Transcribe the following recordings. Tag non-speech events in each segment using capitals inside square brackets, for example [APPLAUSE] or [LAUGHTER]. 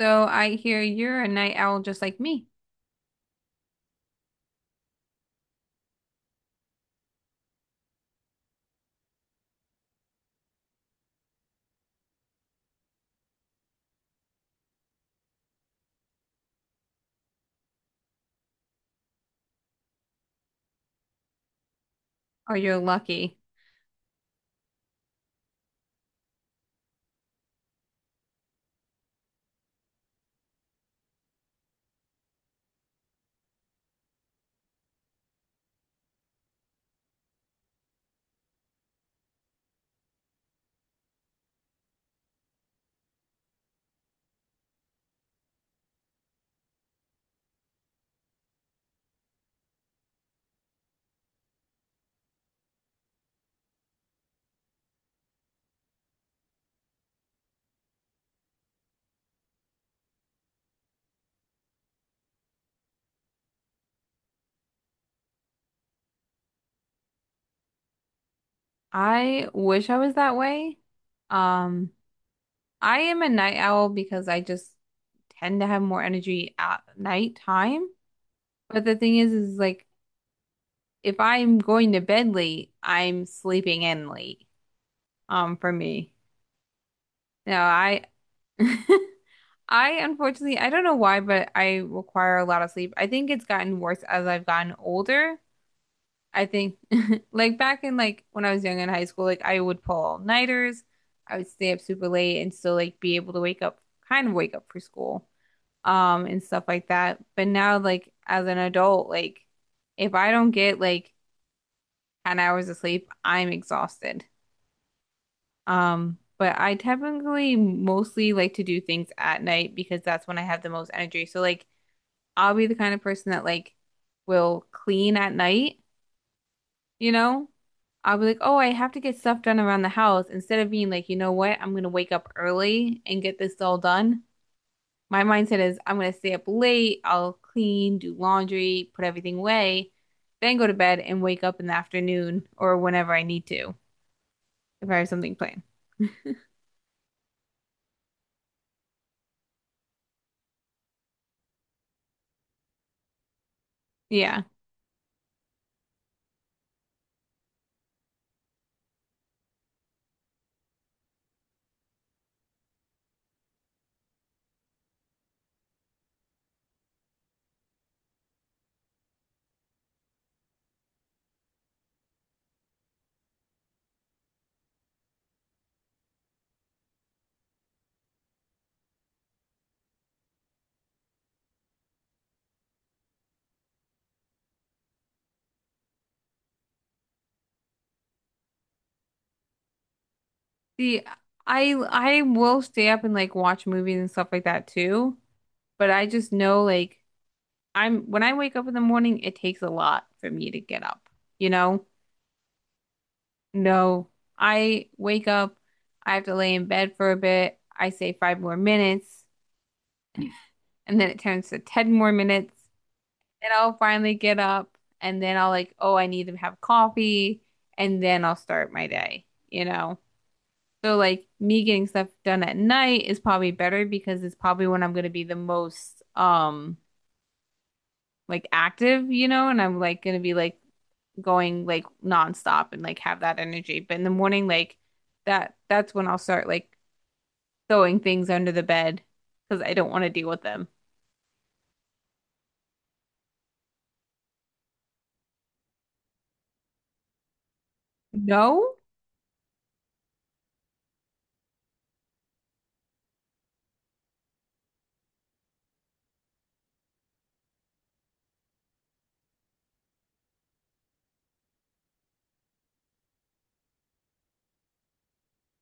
So I hear you're a night owl just like me, or you're lucky. I wish I was that way. Um, I am a night owl because I just tend to have more energy at nighttime. But the thing is like if I'm going to bed late, I'm sleeping in late. For me. No, I [LAUGHS] I unfortunately I don't know why, but I require a lot of sleep. I think it's gotten worse as I've gotten older. I think [LAUGHS] like back in like when I was young in high school, like I would pull all-nighters. I would stay up super late and still like be able to wake up, kind of wake up for school, and stuff like that. But now like as an adult, like if I don't get like 10 hours of sleep, I'm exhausted. But I typically mostly like to do things at night because that's when I have the most energy. So like I'll be the kind of person that like will clean at night. You know, I'll be like, oh, I have to get stuff done around the house. Instead of being like, you know what, I'm gonna wake up early and get this all done. My mindset is I'm gonna stay up late, I'll clean, do laundry, put everything away, then go to bed and wake up in the afternoon or whenever I need to if I have something planned. Yeah. See, I will stay up and like watch movies and stuff like that too, but I just know like I'm when I wake up in the morning, it takes a lot for me to get up, you know? No, I wake up, I have to lay in bed for a bit. I say five more minutes, and then it turns to 10 more minutes, and I'll finally get up, and then I'll like, oh, I need to have coffee, and then I'll start my day, you know? So like me getting stuff done at night is probably better because it's probably when I'm gonna be the most like active, you know, and I'm like gonna be like going like nonstop and like have that energy. But in the morning, like that's when I'll start like throwing things under the bed because I don't want to deal with them. No?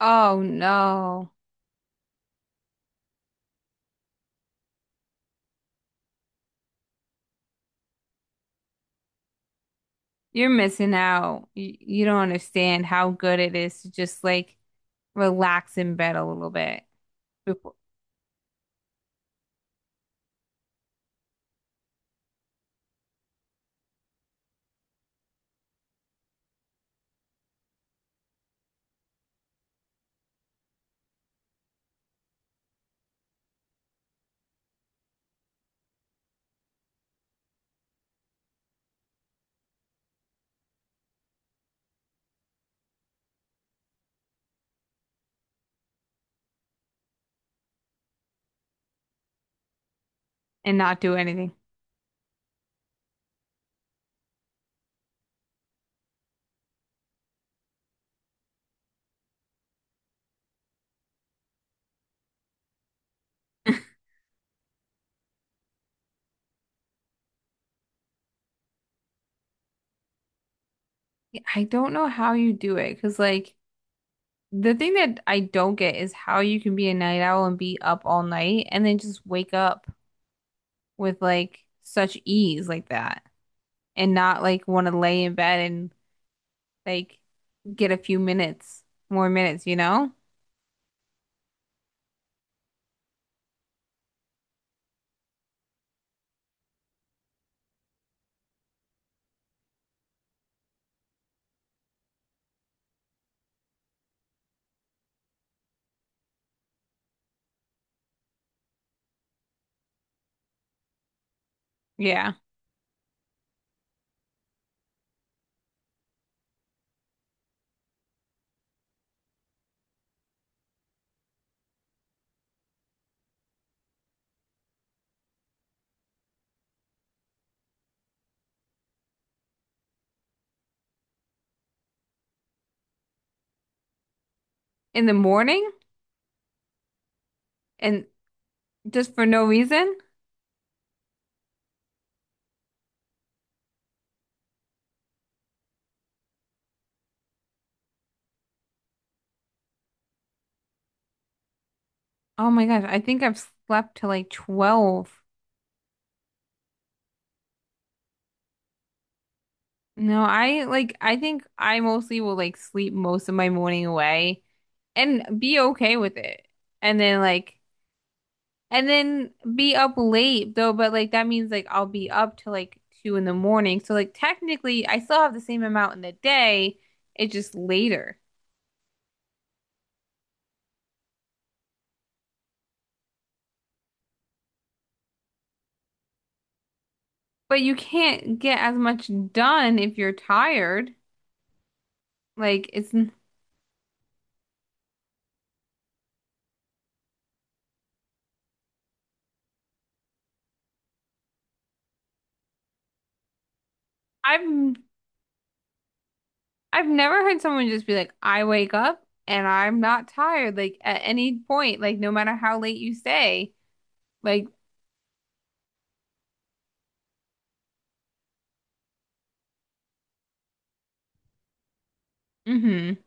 Oh no. You're missing out. You don't understand how good it is to just like relax in bed a little bit before, and not do anything. I don't know how you do it because like the thing that I don't get is how you can be a night owl and be up all night and then just wake up with like such ease like that and not like want to lay in bed and like get a few minutes, more minutes, you know? Yeah. In the morning and just for no reason? Oh my gosh, I think I've slept till like 12. No, I like I think I mostly will like sleep most of my morning away and be okay with it. And then like and then be up late though, but like that means like I'll be up till like two in the morning. So like technically I still have the same amount in the day. It's just later. But you can't get as much done if you're tired. Like it's I've I've never heard someone just be like, I wake up and I'm not tired, like at any point, like no matter how late you stay. Like, mm-hmm.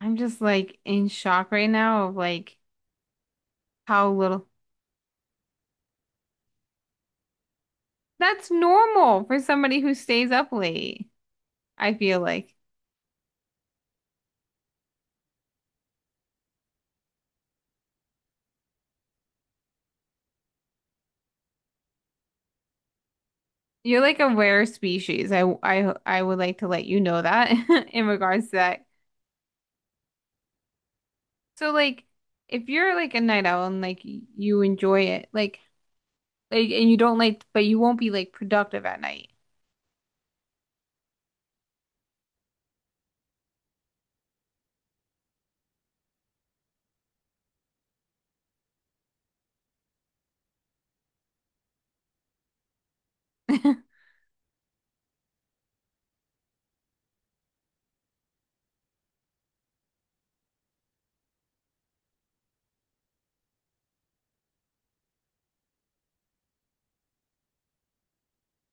I'm just like in shock right now of like how little that's normal for somebody who stays up late. I feel like you're like a rare species. I would like to let you know that [LAUGHS] in regards to that. So like if you're like a night owl and like you enjoy it, like and you don't like but you won't be like productive at night.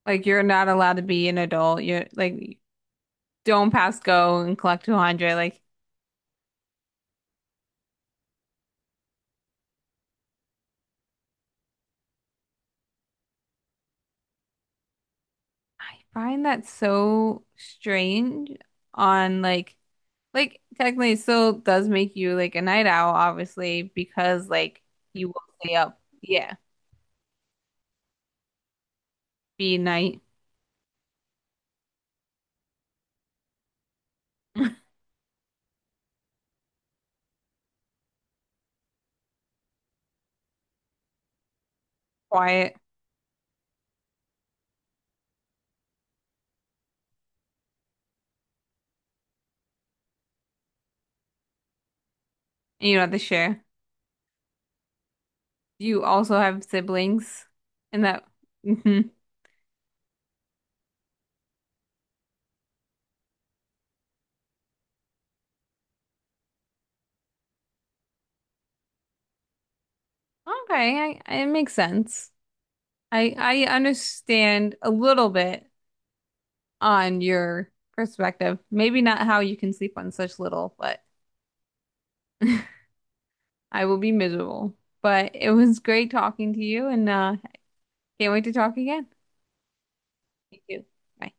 Like you're not allowed to be an adult. You're like don't pass go and collect 200. Like I find that so strange on like technically it still does make you like a night owl, obviously, because like you will stay up. Yeah. Be night, [LAUGHS] quiet, and you don't have to share. You also have siblings and that hmm. Okay, it makes sense. I understand a little bit on your perspective. Maybe not how you can sleep on such little, but [LAUGHS] I will be miserable. But it was great talking to you, and can't wait to talk again. Thank you. Bye.